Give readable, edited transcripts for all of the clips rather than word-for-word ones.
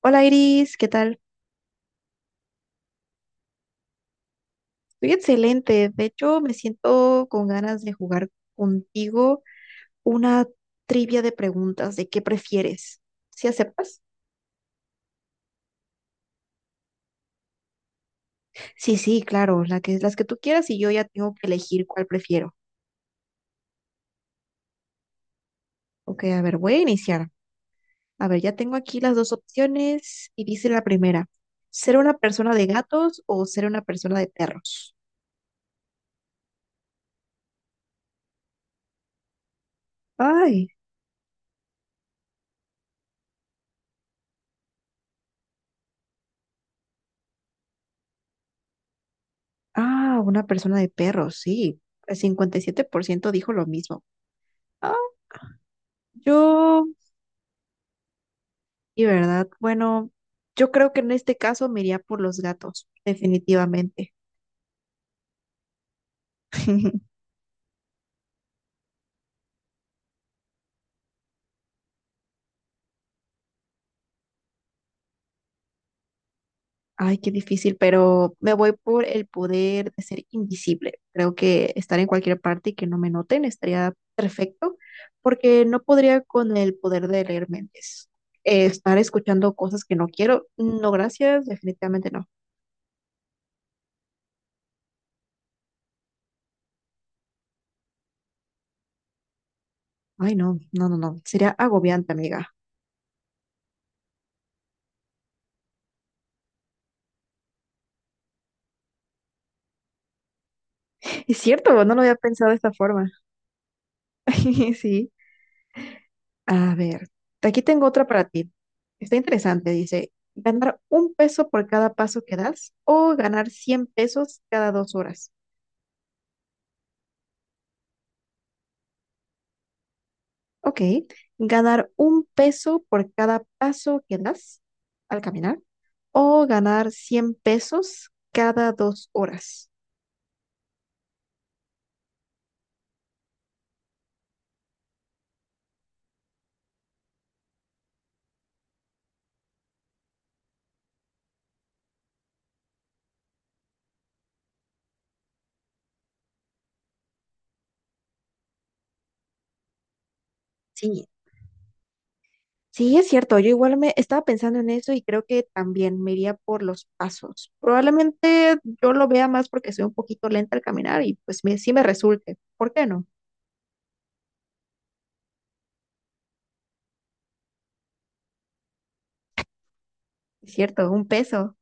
Hola Iris, ¿qué tal? Estoy excelente. De hecho, me siento con ganas de jugar contigo una trivia de preguntas de qué prefieres. ¿Sí aceptas? Sí, sí, claro, las que tú quieras y yo ya tengo que elegir cuál prefiero. Ok, a ver, voy a iniciar. A ver, ya tengo aquí las dos opciones y dice la primera, ¿ser una persona de gatos o ser una persona de perros? Ay, una persona de perros, sí. El 57% dijo lo mismo. Ah, yo Y verdad, bueno, yo creo que en este caso me iría por los gatos, definitivamente. Ay, qué difícil, pero me voy por el poder de ser invisible. Creo que estar en cualquier parte y que no me noten estaría perfecto, porque no podría con el poder de leer mentes. Estar escuchando cosas que no quiero, no, gracias, definitivamente no. Ay, no, no, no, no, sería agobiante, amiga. Es cierto, no lo había pensado de esta forma. Sí. A ver, aquí tengo otra para ti. Está interesante, dice, ganar un peso por cada paso que das o ganar 100 pesos cada dos horas. Ok, ganar un peso por cada paso que das al caminar o ganar 100 pesos cada dos horas. Sí, sí, es cierto, yo igual me estaba pensando en eso y creo que también me iría por los pasos. Probablemente yo lo vea más porque soy un poquito lenta al caminar y pues me, sí me resulte. ¿Por qué no? Cierto, un peso.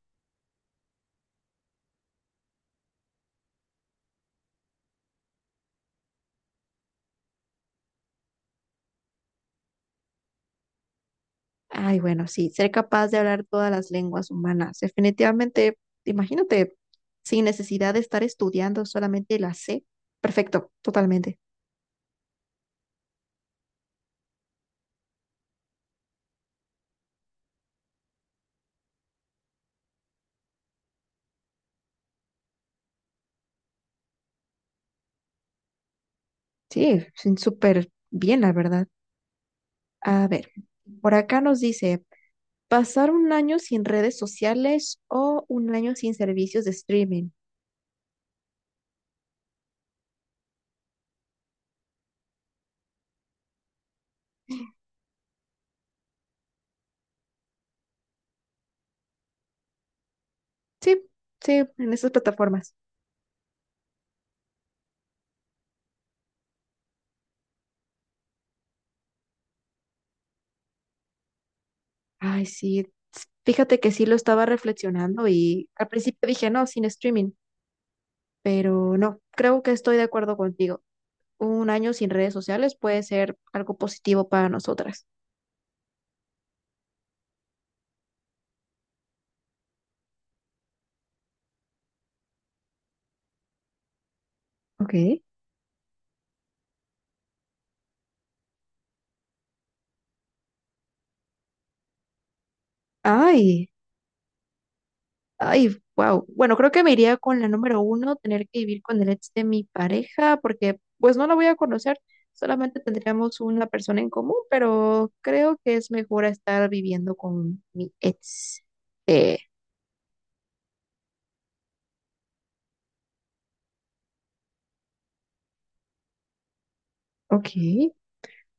Ay, bueno, sí, ser capaz de hablar todas las lenguas humanas. Definitivamente, imagínate, sin necesidad de estar estudiando, solamente la sé. Perfecto, totalmente. Sí, sí, súper bien, la verdad. A ver, por acá nos dice, pasar un año sin redes sociales o un año sin servicios de streaming. Sí, sí, en esas plataformas. Ay, sí. Fíjate que sí lo estaba reflexionando y al principio dije, no, sin streaming. Pero no, creo que estoy de acuerdo contigo. Un año sin redes sociales puede ser algo positivo para nosotras. Ok. Ay, ay, wow. Bueno, creo que me iría con la número uno, tener que vivir con el ex de mi pareja, porque pues no la voy a conocer, solamente tendríamos una persona en común, pero creo que es mejor estar viviendo con mi ex. Eh, Ok.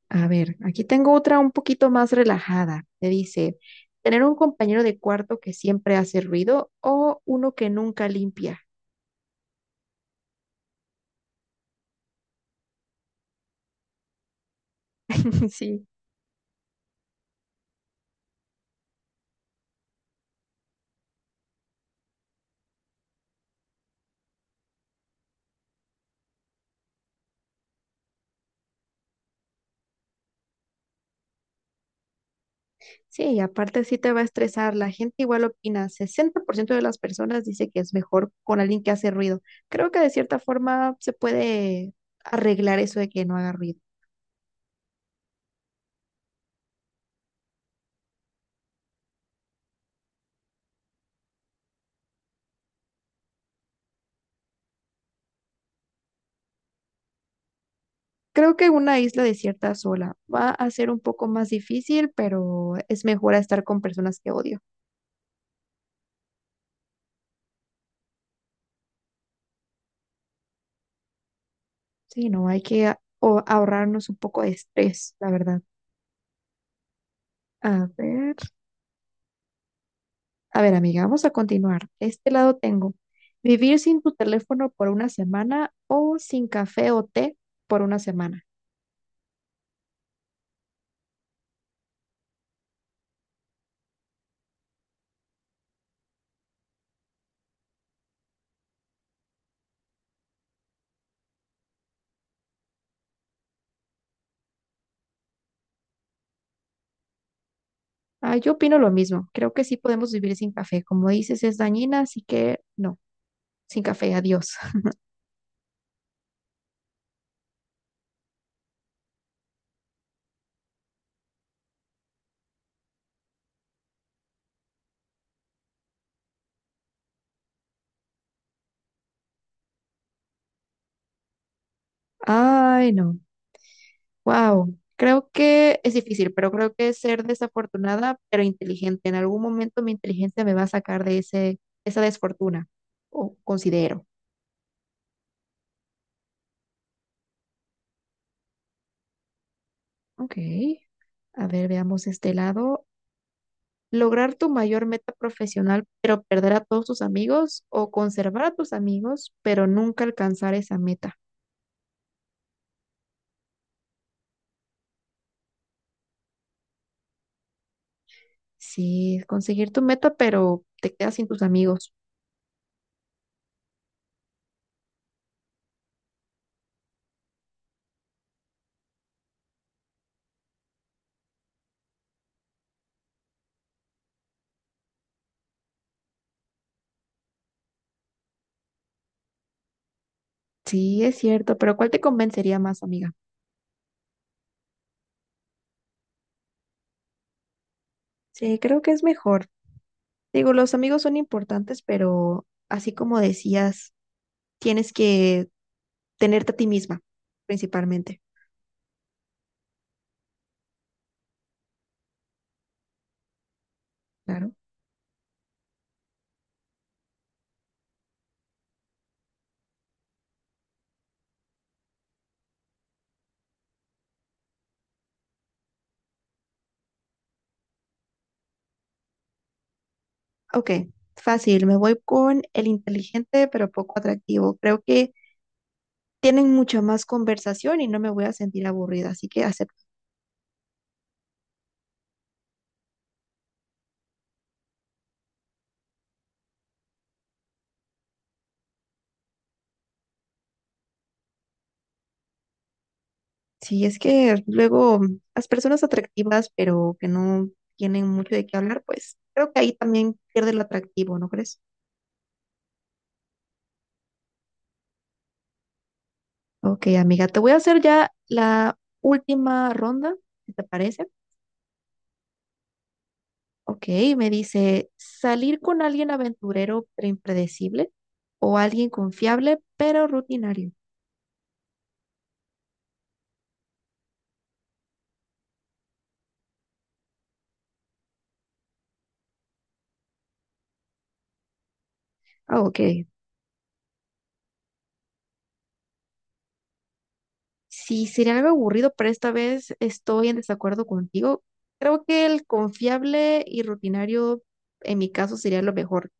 A ver, aquí tengo otra un poquito más relajada. Te dice, tener un compañero de cuarto que siempre hace ruido o uno que nunca limpia. Sí, sí, y aparte sí te va a estresar. La gente igual opina. 60% de las personas dice que es mejor con alguien que hace ruido. Creo que de cierta forma se puede arreglar eso de que no haga ruido. Creo que una isla desierta sola va a ser un poco más difícil, pero es mejor a estar con personas que odio. Sí, no, hay que ahorrarnos un poco de estrés, la verdad. A ver, a ver, amiga, vamos a continuar. Este lado tengo, vivir sin tu teléfono por una semana o sin café o té por una semana. Ah, yo opino lo mismo. Creo que sí podemos vivir sin café. Como dices, es dañina, así que no, sin café, adiós. Ay, no. Wow, creo que es difícil, pero creo que es ser desafortunada, pero inteligente. En algún momento mi inteligencia me va a sacar de ese, esa desfortuna, o considero. Ok. A ver, veamos este lado. Lograr tu mayor meta profesional, pero perder a todos tus amigos, o conservar a tus amigos, pero nunca alcanzar esa meta. Sí, conseguir tu meta, pero te quedas sin tus amigos. Sí, es cierto, pero ¿cuál te convencería más, amiga? Sí, creo que es mejor. Digo, los amigos son importantes, pero así como decías, tienes que tenerte a ti misma, principalmente. Claro. Ok, fácil. Me voy con el inteligente, pero poco atractivo. Creo que tienen mucha más conversación y no me voy a sentir aburrida, así que acepto. Sí, es que luego las personas atractivas, pero que no tienen mucho de qué hablar, pues creo que ahí también pierde lo atractivo, ¿no crees? Ok, amiga, te voy a hacer ya la última ronda, si te parece. Ok, me dice, salir con alguien aventurero pero impredecible o alguien confiable pero rutinario. Ah, ok. Sí, sería algo aburrido, pero esta vez estoy en desacuerdo contigo. Creo que el confiable y rutinario en mi caso sería lo mejor.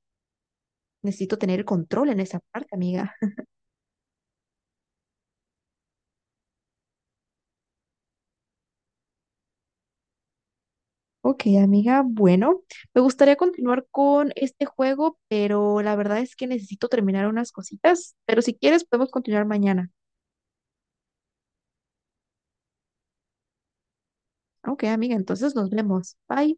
Necesito tener el control en esa parte, amiga. Ok, amiga, bueno, me gustaría continuar con este juego, pero la verdad es que necesito terminar unas cositas, pero si quieres podemos continuar mañana. Ok, amiga, entonces nos vemos. Bye.